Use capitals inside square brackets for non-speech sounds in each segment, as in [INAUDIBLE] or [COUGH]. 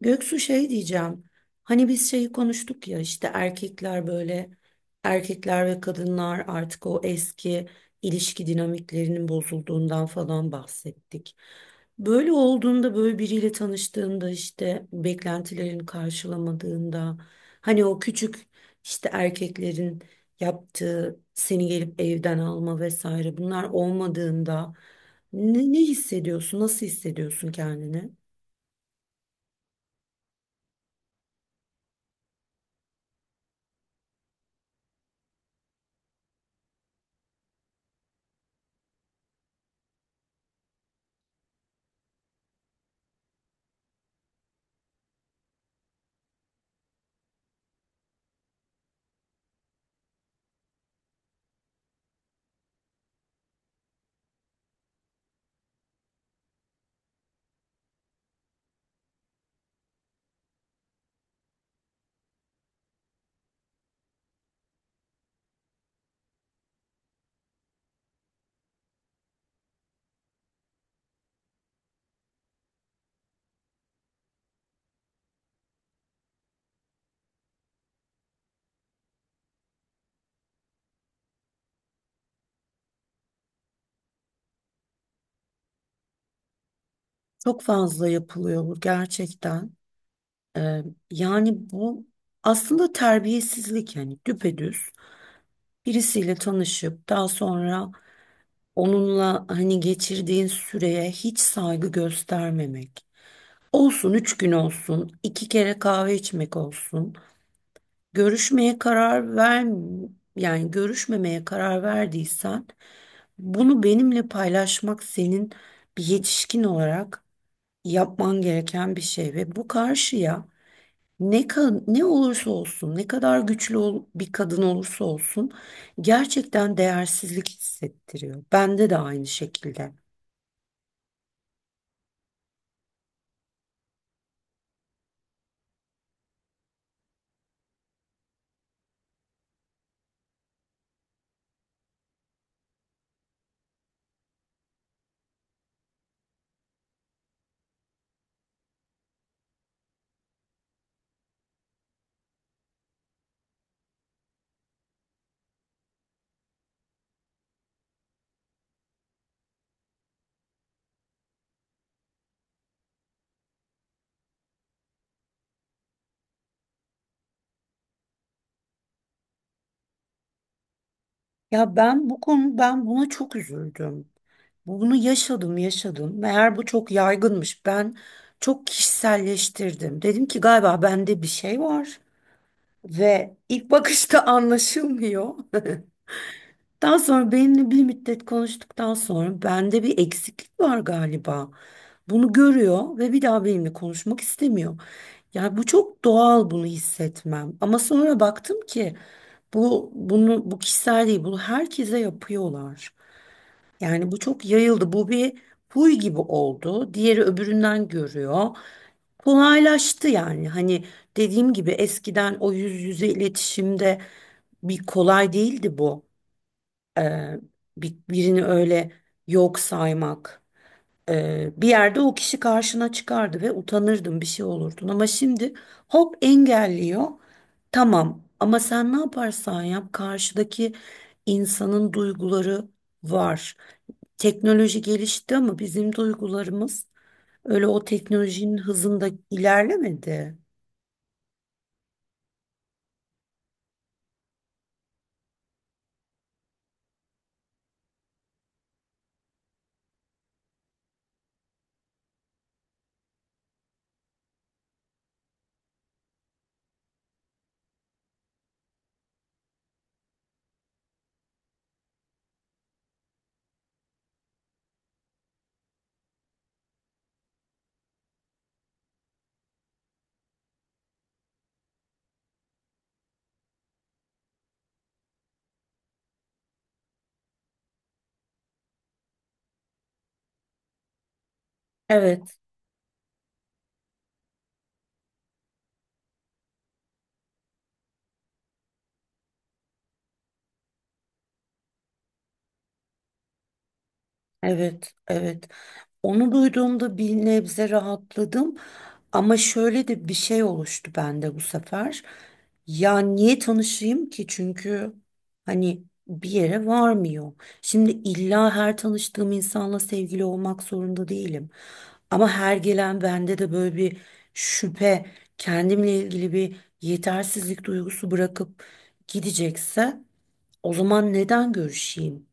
Göksu şey diyeceğim. Hani biz şeyi konuştuk ya işte erkekler böyle erkekler ve kadınlar artık o eski ilişki dinamiklerinin bozulduğundan falan bahsettik. Böyle olduğunda böyle biriyle tanıştığında işte beklentilerini karşılamadığında hani o küçük işte erkeklerin yaptığı seni gelip evden alma vesaire bunlar olmadığında ne hissediyorsun? Nasıl hissediyorsun kendini? Çok fazla yapılıyor bu gerçekten. Ee, yani bu aslında terbiyesizlik yani düpedüz birisiyle tanışıp daha sonra onunla hani geçirdiğin süreye hiç saygı göstermemek. Olsun 3 gün olsun, 2 kere kahve içmek olsun. Görüşmeye karar ver yani görüşmemeye karar verdiysen bunu benimle paylaşmak senin bir yetişkin olarak yapman gereken bir şey ve bu karşıya ne olursa olsun, ne kadar güçlü bir kadın olursa olsun gerçekten değersizlik hissettiriyor. Bende de aynı şekilde. Ya ben bu konu ben buna çok üzüldüm. Bunu yaşadım, yaşadım. Meğer bu çok yaygınmış. Ben çok kişiselleştirdim. Dedim ki galiba bende bir şey var ve ilk bakışta [LAUGHS] anlaşılmıyor. Daha sonra benimle bir müddet konuştuktan sonra bende bir eksiklik var galiba. Bunu görüyor ve bir daha benimle konuşmak istemiyor. Yani bu çok doğal bunu hissetmem. Ama sonra baktım ki bu kişisel değil, bunu herkese yapıyorlar. Yani bu çok yayıldı. Bu bir huy gibi oldu. Diğeri öbüründen görüyor. Kolaylaştı yani. Hani dediğim gibi eskiden o yüz yüze iletişimde bir kolay değildi bu. Eee, birini öyle yok saymak. Bir yerde o kişi karşına çıkardı ve utanırdın bir şey olurdun. Ama şimdi hop engelliyor. Tamam ama sen ne yaparsan yap karşıdaki insanın duyguları var. Teknoloji gelişti ama bizim duygularımız öyle o teknolojinin hızında ilerlemedi. Evet, evet, evet. Onu duyduğumda bir nebze rahatladım ama şöyle de bir şey oluştu bende bu sefer. Ya niye tanışayım ki? Çünkü hani bir yere varmıyor. Şimdi illa her tanıştığım insanla sevgili olmak zorunda değilim. Ama her gelen bende de böyle bir şüphe, kendimle ilgili bir yetersizlik duygusu bırakıp gidecekse o zaman neden görüşeyim?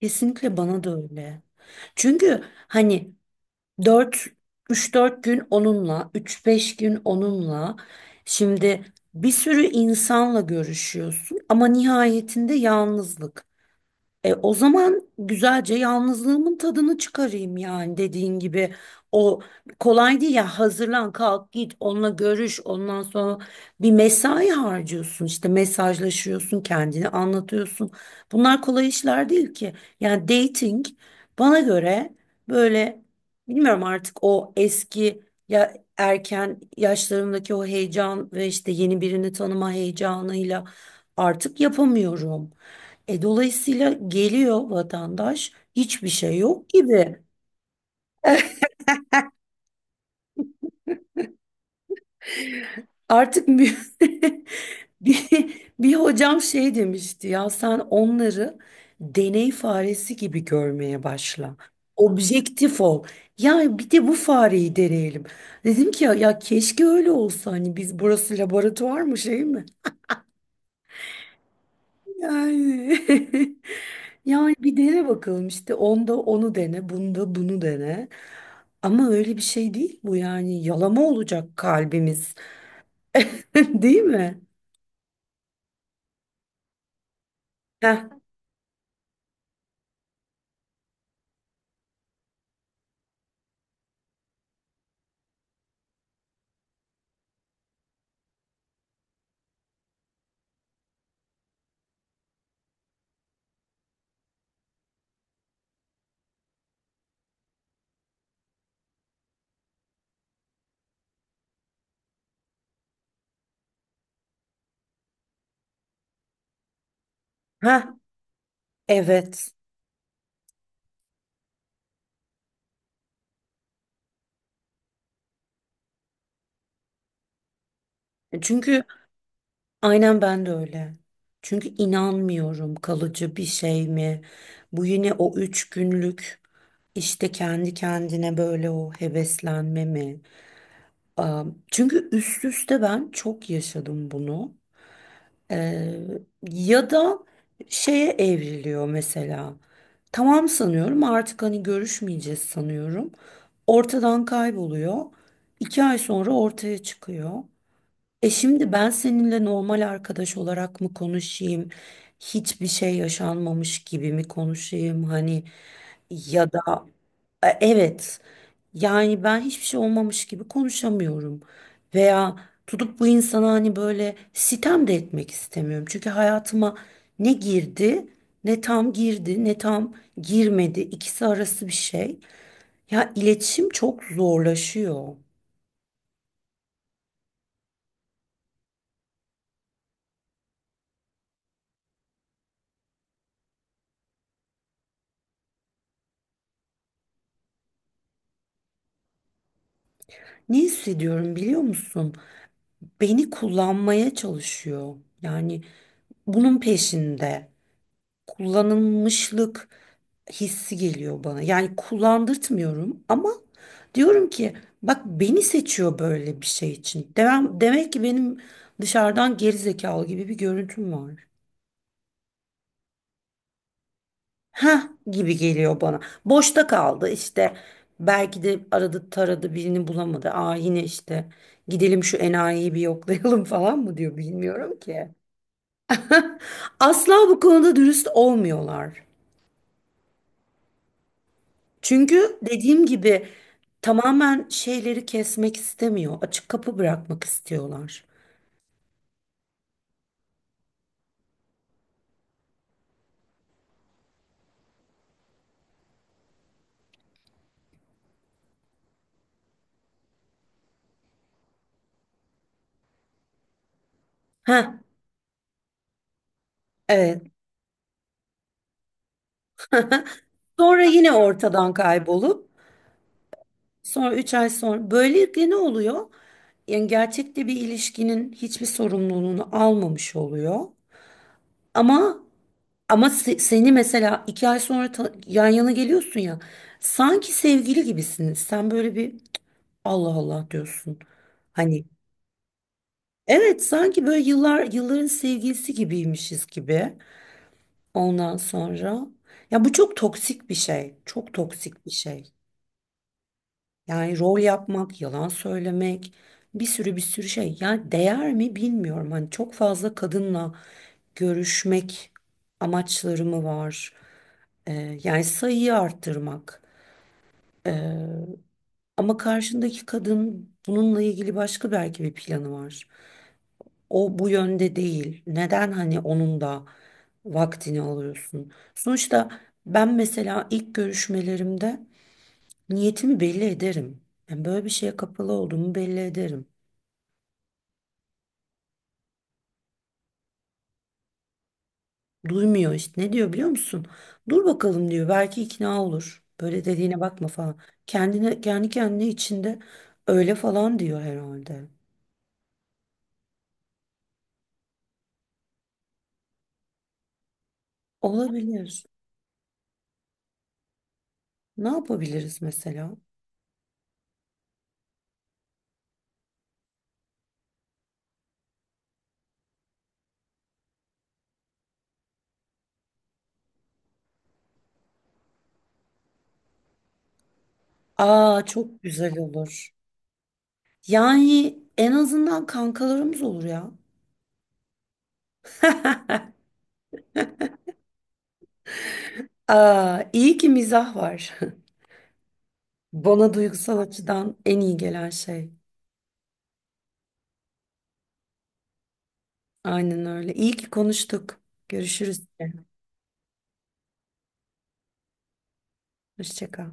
Kesinlikle bana da öyle. Çünkü hani 4 3-4 gün onunla, üç beş gün onunla. Şimdi bir sürü insanla görüşüyorsun ama nihayetinde yalnızlık. O zaman güzelce yalnızlığımın tadını çıkarayım yani dediğin gibi. O kolay değil ya hazırlan kalk git onunla görüş ondan sonra bir mesai harcıyorsun işte mesajlaşıyorsun kendini anlatıyorsun. Bunlar kolay işler değil ki. Yani dating bana göre böyle bilmiyorum artık o eski ya erken yaşlarımdaki o heyecan ve işte yeni birini tanıma heyecanıyla artık yapamıyorum. Dolayısıyla geliyor vatandaş hiçbir şey yok gibi. Artık bir, [LAUGHS] bir, bir hocam şey demişti ya sen onları deney faresi gibi görmeye başla. Objektif ol. Ya bir de bu fareyi deneyelim. Dedim ki ya keşke öyle olsa hani biz burası laboratuvar mı şey mi? Yani, [LAUGHS] yani bir dene bakalım işte onda onu dene, bunda bunu dene. Ama öyle bir şey değil bu yani yalama olacak kalbimiz, [LAUGHS] değil mi? Heh, heh, evet. Çünkü aynen ben de öyle. Çünkü inanmıyorum kalıcı bir şey mi? Bu yine o 3 günlük işte kendi kendine böyle o heveslenme mi? Çünkü üst üste ben çok yaşadım bunu. Ee, ya da şeye evriliyor mesela. Tamam sanıyorum artık hani görüşmeyeceğiz sanıyorum. Ortadan kayboluyor. 2 ay sonra ortaya çıkıyor. Şimdi ben seninle normal arkadaş olarak mı konuşayım? Hiçbir şey yaşanmamış gibi mi konuşayım? Hani ya da evet. Yani ben hiçbir şey olmamış gibi konuşamıyorum. Veya tutup bu insana hani böyle sitem de etmek istemiyorum. Çünkü hayatıma ne girdi, ne tam girdi, ne tam girmedi. İkisi arası bir şey. Ya iletişim çok zorlaşıyor. Ne hissediyorum biliyor musun? Beni kullanmaya çalışıyor. Yani bunun peşinde. Kullanılmışlık hissi geliyor bana. Yani kullandırtmıyorum ama diyorum ki bak beni seçiyor böyle bir şey için. Demek ki benim dışarıdan geri zekalı gibi bir görüntüm var. Ha gibi geliyor bana. Boşta kaldı işte. Belki de aradı taradı birini bulamadı. Aa yine işte gidelim şu enayiyi bir yoklayalım [LAUGHS] falan mı diyor bilmiyorum ki. [LAUGHS] Asla bu konuda dürüst olmuyorlar. Çünkü dediğim gibi tamamen şeyleri kesmek istemiyor. Açık kapı bırakmak istiyorlar. Ha, evet. Sonra yine ortadan kaybolup sonra 3 ay sonra böylelikle ne oluyor? Yani gerçekte bir ilişkinin hiçbir sorumluluğunu almamış oluyor. Ama seni mesela 2 ay sonra yan yana geliyorsun ya. Sanki sevgili gibisiniz. Sen böyle bir Allah Allah diyorsun. Hani evet, sanki böyle yıllar yılların sevgilisi gibiymişiz gibi. Ondan sonra ya bu çok toksik bir şey. Çok toksik bir şey. Yani rol yapmak, yalan söylemek, bir sürü bir sürü şey. Yani değer mi bilmiyorum. Hani çok fazla kadınla görüşmek amaçları mı var? Yani sayıyı arttırmak. Ee, ama karşındaki kadın bununla ilgili başka belki bir planı var. O bu yönde değil. Neden hani onun da vaktini alıyorsun? Sonuçta ben mesela ilk görüşmelerimde niyetimi belli ederim. Yani böyle bir şeye kapalı olduğumu belli ederim. Duymuyor işte. Ne diyor biliyor musun? Dur bakalım diyor. Belki ikna olur. Böyle dediğine bakma falan. Kendi kendine içinde öyle falan diyor herhalde. Olabilir. Ne yapabiliriz mesela? Aa çok güzel olur. Yani en azından kankalarımız olur ya. [LAUGHS] Aa, iyi ki mizah var. [LAUGHS] Bana duygusal açıdan en iyi gelen şey. Aynen öyle. İyi ki konuştuk. Görüşürüz. Hoşça kal.